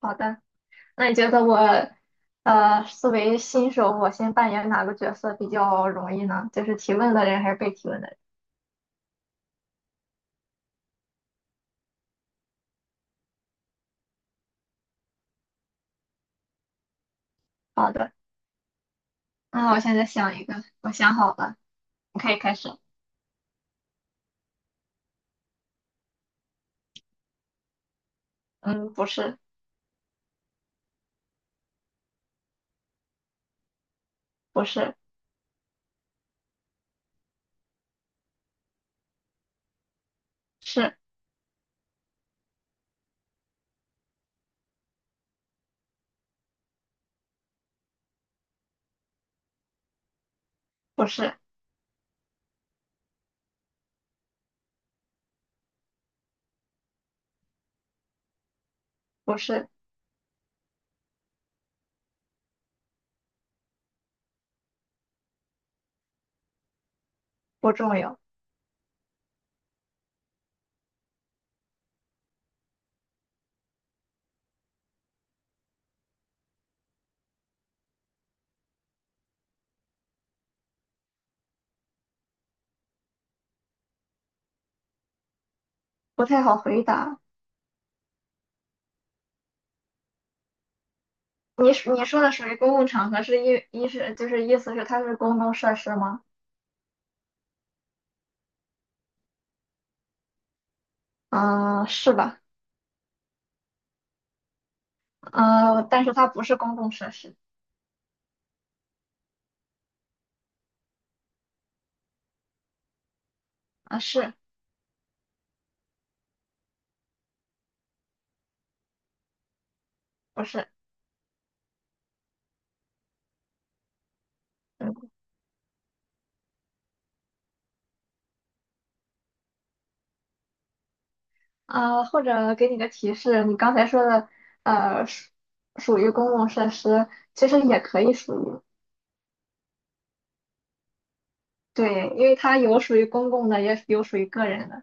好的，那你觉得我，作为新手，我先扮演哪个角色比较容易呢？就是提问的人还是被提问的人？好的，那我现在想一个，我想好了，你可以开始。嗯，不是，不是，是，不是，不是，不重要，不太好回答。你说的属于公共场合，是一一是就是意思是它是公共设施吗？嗯、是吧？嗯、但是它不是公共设施。啊，是不是？嗯。啊，或者给你个提示，你刚才说的，属属于公共设施，其实也可以属于，对，因为它有属于公共的，也有属于个人的，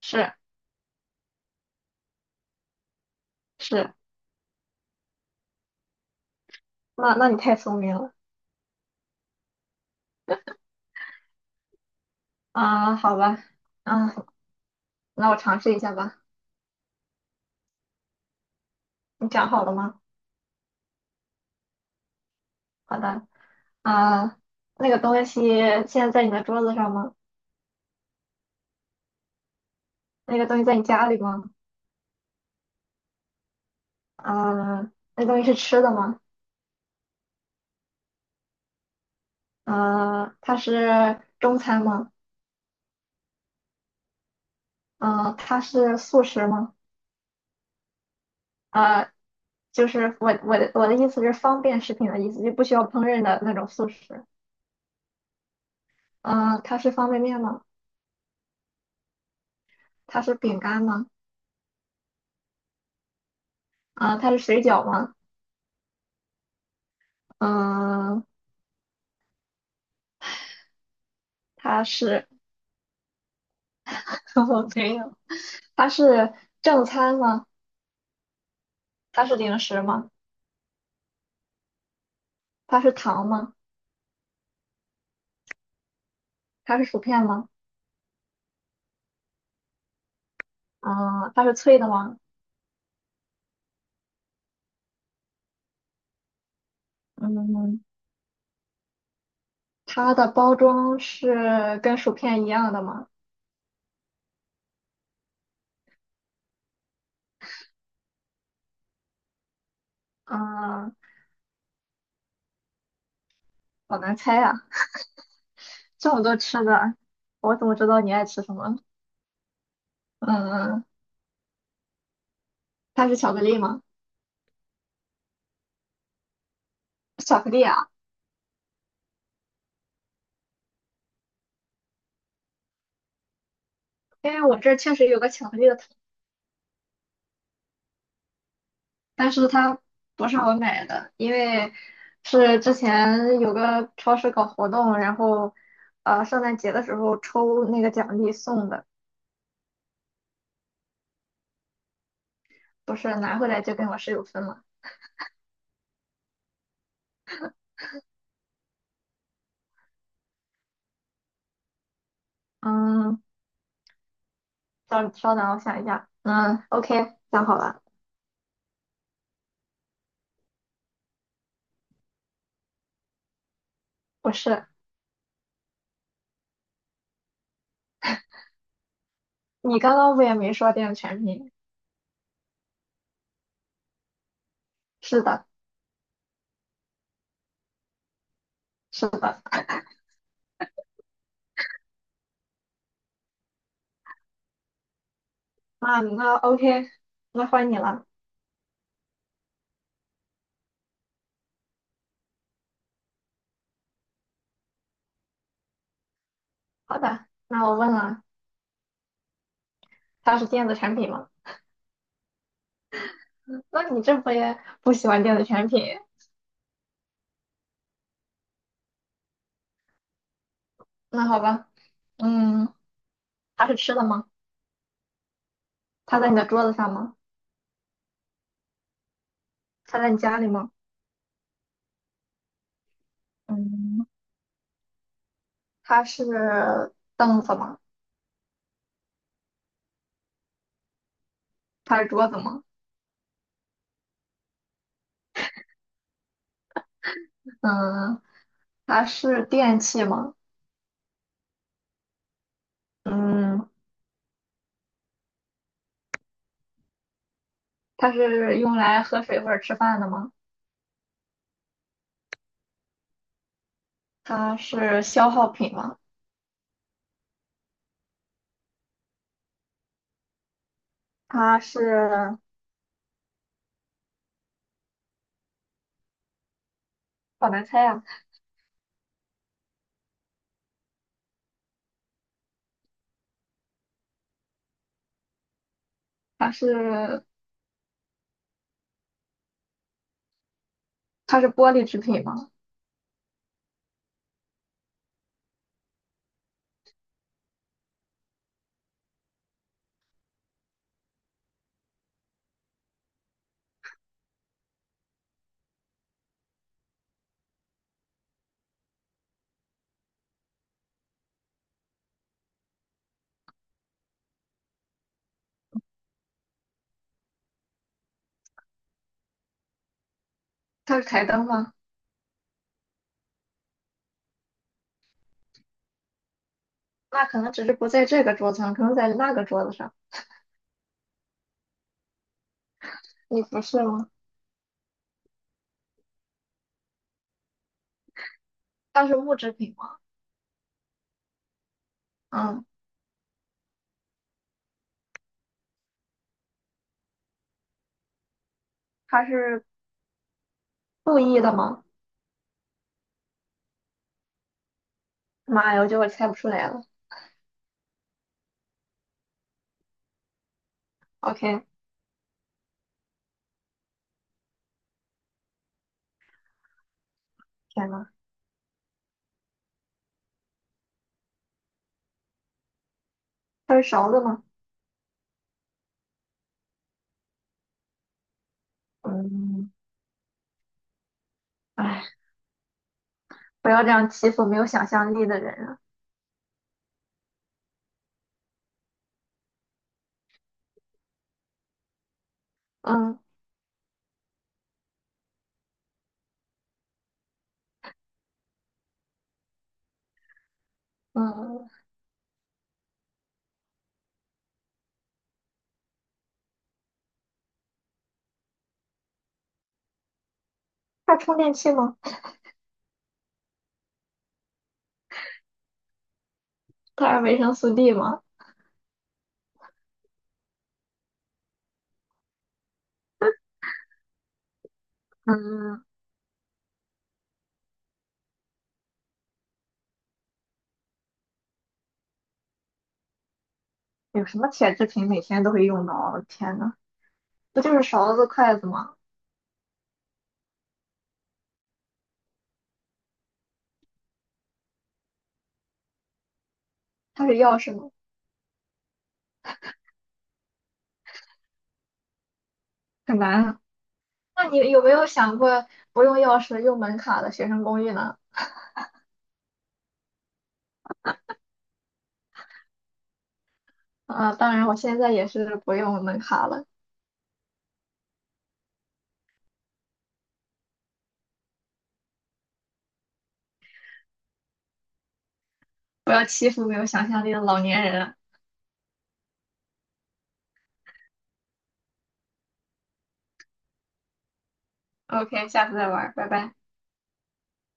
是是，那你太聪明了。啊，好吧，啊，那我尝试一下吧，你讲好了吗？好的，啊，那个东西现在在你的桌子上吗？那个东西在你家里吗？啊，那东西是吃的吗？啊，它是中餐吗？啊，它是素食吗？呃，就是我的意思是方便食品的意思，就不需要烹饪的那种速食。嗯、它是方便面吗？它是饼干吗？啊、它是水饺吗？嗯、它是 我没有，它是正餐吗？它是零食吗？它是糖吗？它是薯片吗？嗯、它是脆的吗？嗯，它的包装是跟薯片一样的吗？嗯、好难猜呀、这么多吃的，我怎么知道你爱吃什么？嗯、它是巧克力吗？巧克力啊，因为我这儿确实有个巧克力的桶，但是它不是我买的，因为是之前有个超市搞活动，然后圣诞节的时候抽那个奖励送的，不是拿回来就跟我室友分了。嗯，稍稍等，我想一下。嗯，OK，想好了，不是，你刚刚不也没说电子产品？是的，是的。啊，那 OK，那换你了。好的，那我问了，它是电子产品吗？那你这不也不喜欢电子产品？那好吧，嗯，它是吃的吗？它在你的桌子上吗？它在你家里吗？嗯，它是凳子吗？它是桌子吗？嗯，它是电器吗？嗯，它是用来喝水或者吃饭的吗？它是消耗品吗？它是好难猜啊，它是它是玻璃制品吗？它是台灯吗？那可能只是不在这个桌子上，可能在那个桌子上。你不是吗？算是木质品吗？嗯，它是故意的吗？妈呀，我觉得我猜不出来了。OK，天呐，它是勺子吗？嗯，哎，不要这样欺负没有想象力的人啊。嗯嗯，它是充电器吗？它是维生素 D 吗？嗯，有什么铁制品每天都会用到啊？我的天呐，不就是勺子、筷子吗？它是钥匙吗？很难啊。那你有没有想过不用钥匙用门卡的学生公寓呢？啊，当然，我现在也是不用门卡了。不要欺负没有想象力的老年人。OK，下次再玩，拜拜。